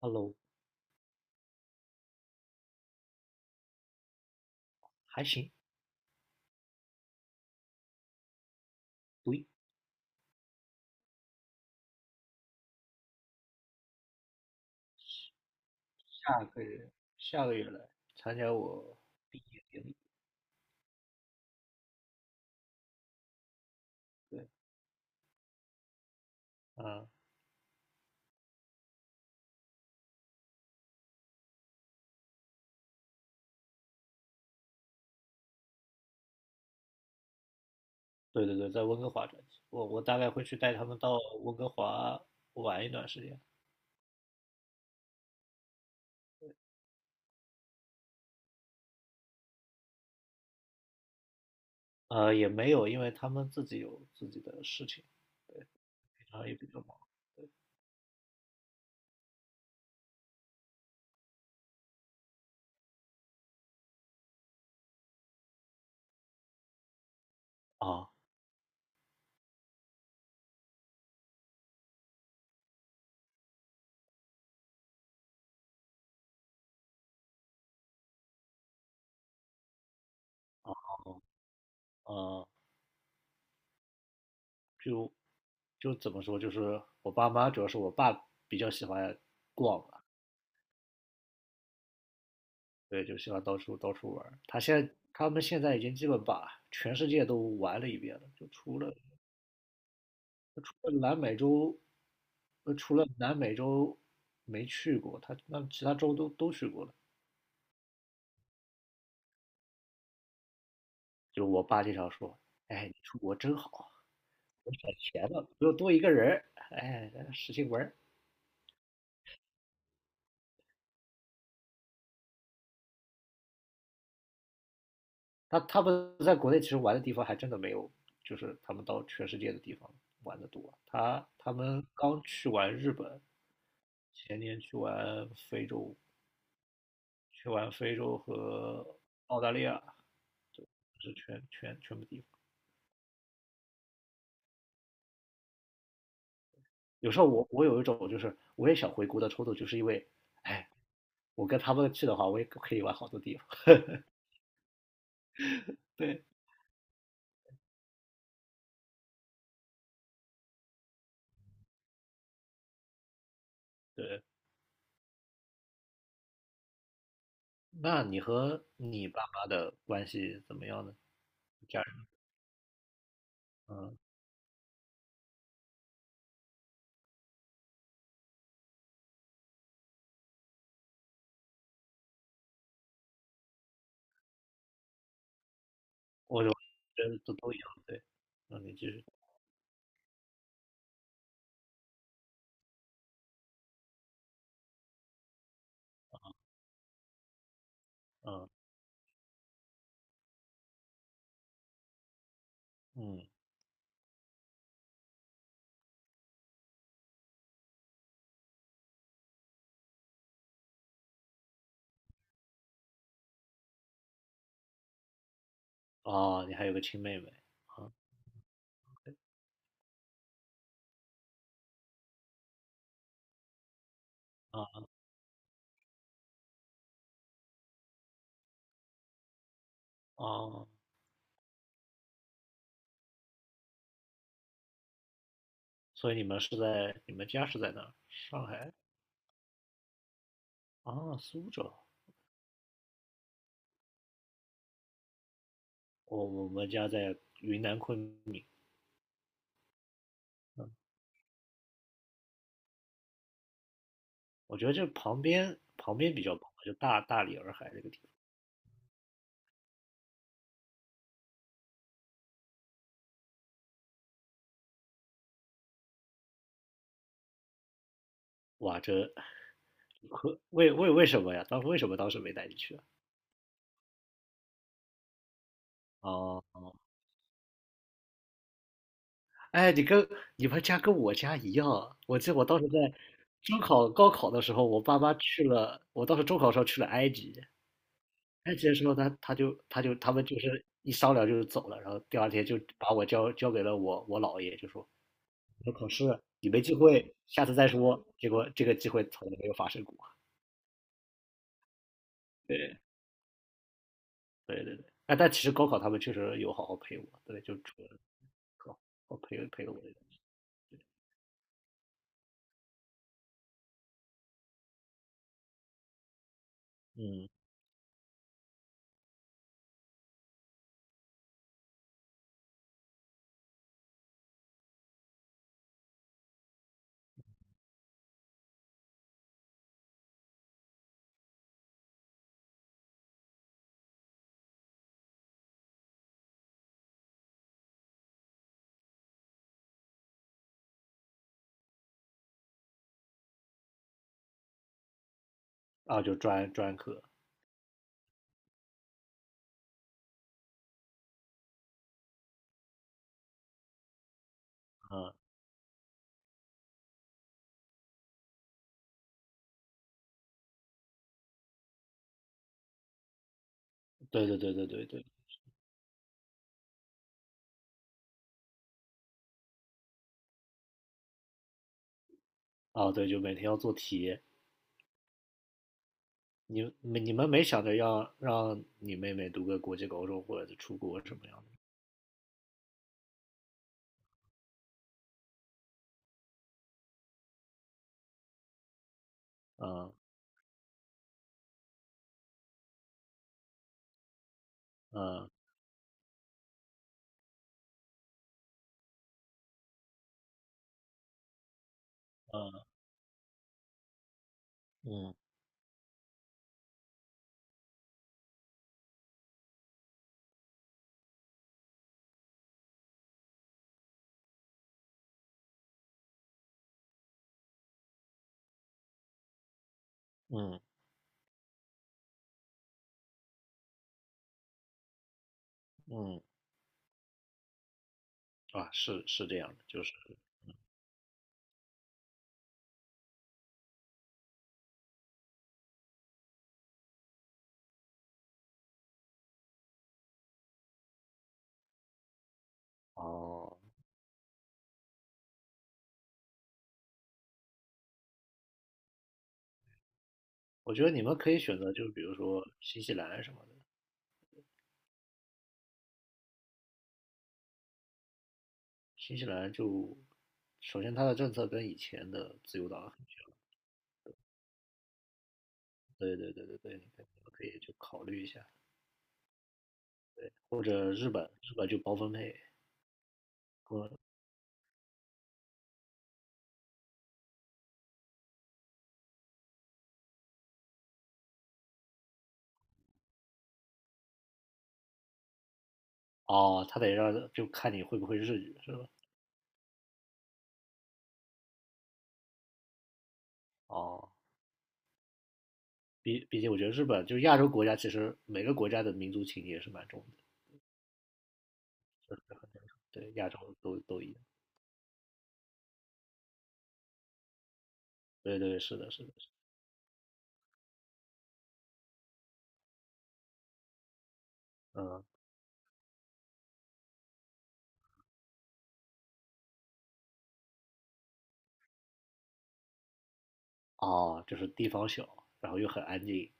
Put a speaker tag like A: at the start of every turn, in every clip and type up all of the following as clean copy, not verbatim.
A: Hello，还行，不下个月下个月来参加我毕业典礼。对，嗯，对对对，在温哥华转机，我大概会去带他们到温哥华玩一段时间。也没有，因为他们自己有自己的事情，平常也比较忙啊。呃，就怎么说，就是我爸妈，主要是我爸比较喜欢逛吧，对，就喜欢到处到处玩儿他们现在已经基本把全世界都玩了一遍了，就除了南美洲除了南美洲没去过，他那其他州都去过了。就我爸经常说："哎，你出国真好啊，闲了不用多一个人儿，哎，使劲玩儿他们在国内其实玩的地方还真的没有，就是他们到全世界的地方玩的多。他们刚去完日本，前年去完非洲和澳大利亚，是全部地方。有时候我有一种就是我也想回国的冲动，就是因为，哎，我跟他们去的话，我也可以玩好多地方。对，对，那你和你爸妈的关系怎么样呢？家人，嗯，我就觉得都一样，对，那你继续，嗯嗯，哦，你还有个亲妹妹，啊啊哦，所以你们家是在哪儿？上海啊，苏州，我们家在云南昆明，我觉得这旁边比较棒，就大理洱海这个地方。哇，为什么呀？当时为什么当时没带你去啊哦，哎，你们家跟我家一样，我记得我当时在中考、高考的时候，我爸妈去了，我当时中考的时候去了埃及，埃及的时候他们就是一商量就是走了，然后第二天就把我交给了我姥爷，就说你考试你没机会，下次再说。结果这个机会从来没有发生过。对，对对对，哎，但其实高考他们确实有好好陪我，对，就除了课，我培我的东西嗯啊，就专科，啊，对对对对对对，啊对，就每天要做题。你们没想着要让你妹妹读个国际高中或者是出国什么样的？嗯嗯嗯嗯嗯嗯啊，是是这样的，就是哦，我觉得你们可以选择，就是比如说新西兰什么的，新西兰就首先它的政策跟以前的自由党很，对对对对对，你们可以去考虑一下，或者日本，日本就包分配。嗯哦，他得让就看你会不会日语是吧？哦，毕竟我觉得日本就是亚洲国家，其实每个国家的民族情结是蛮重的，对，亚洲都一样。对对，是的，是的，是的嗯，哦，就是地方小，然后又很安静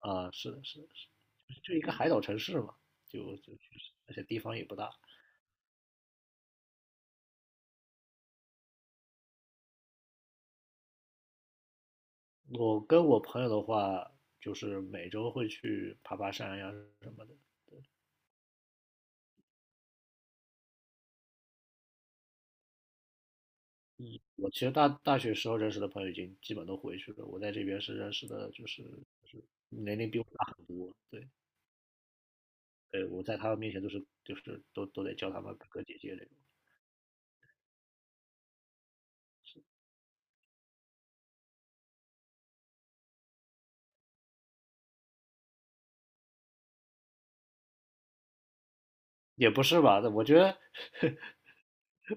A: 啊，是的，是的，是的就一个海岛城市嘛，就是而且地方也不大。我跟我朋友的话，就是每周会去爬爬山呀什么的，我其实大学时候认识的朋友已经基本都回去了，我在这边是认识的，就是年龄比我大很多，对，对，我在他们面前都是就是都得叫他们哥哥姐姐那种，也不是吧？我觉得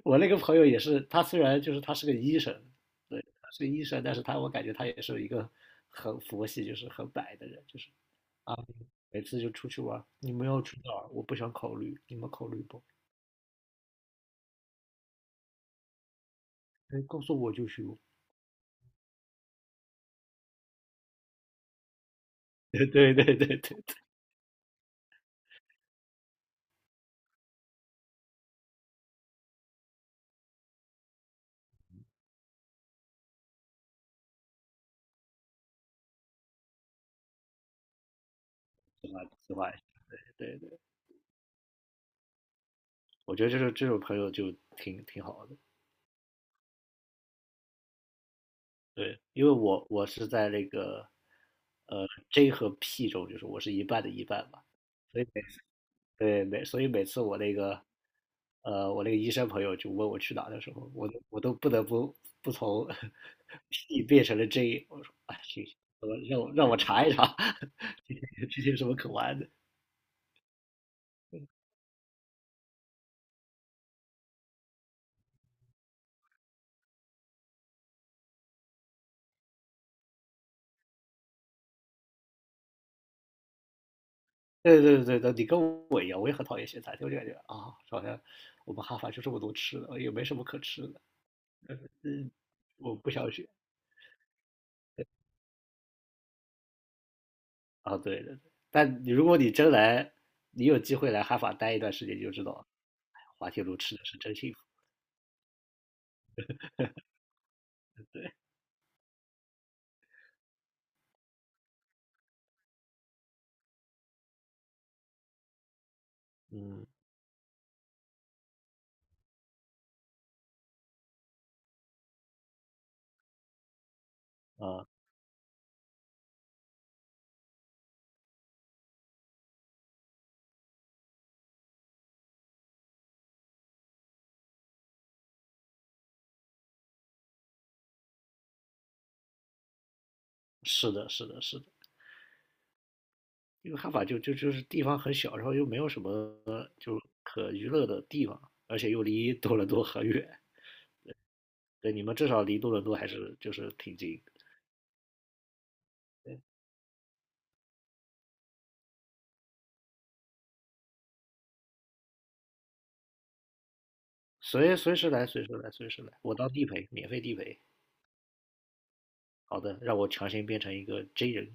A: 我那个朋友也是，他虽然就是他是个医生，对，他是个医生，但是他我感觉他也是一个很佛系，就是很摆的人，就是啊，每次就出去玩，你们要去哪儿？我不想考虑，你们考虑不？哎，告诉我就去。对对对对对，此话也是对。我觉得就是这种朋友就挺好的。对，因为我是在那个呃 J 和 P 中，就是我是一半的一半嘛，所以每次我那个医生朋友就问我去哪的时候，我都不得不从 P 变成了 J,我说啊行，我让我查一查 这些有什么可玩的。对对对对，你跟我一样，我也很讨厌咸菜，我就感觉啊，好像我们哈法就这么多吃的，也没什么可吃的。嗯，我不想学。啊，对对，但你如果你真来，你有机会来哈法待一段时间，你就知道，哎滑铁卢吃的是真幸福。嗯，啊，是的，是的，是的，因为哈法就是地方很小，然后又没有什么就可娱乐的地方，而且又离多伦多很远。对，你们至少离多伦多还是就是挺近的随时来，随时来，我当地陪，免费地陪。好的，让我强行变成一个 J 人。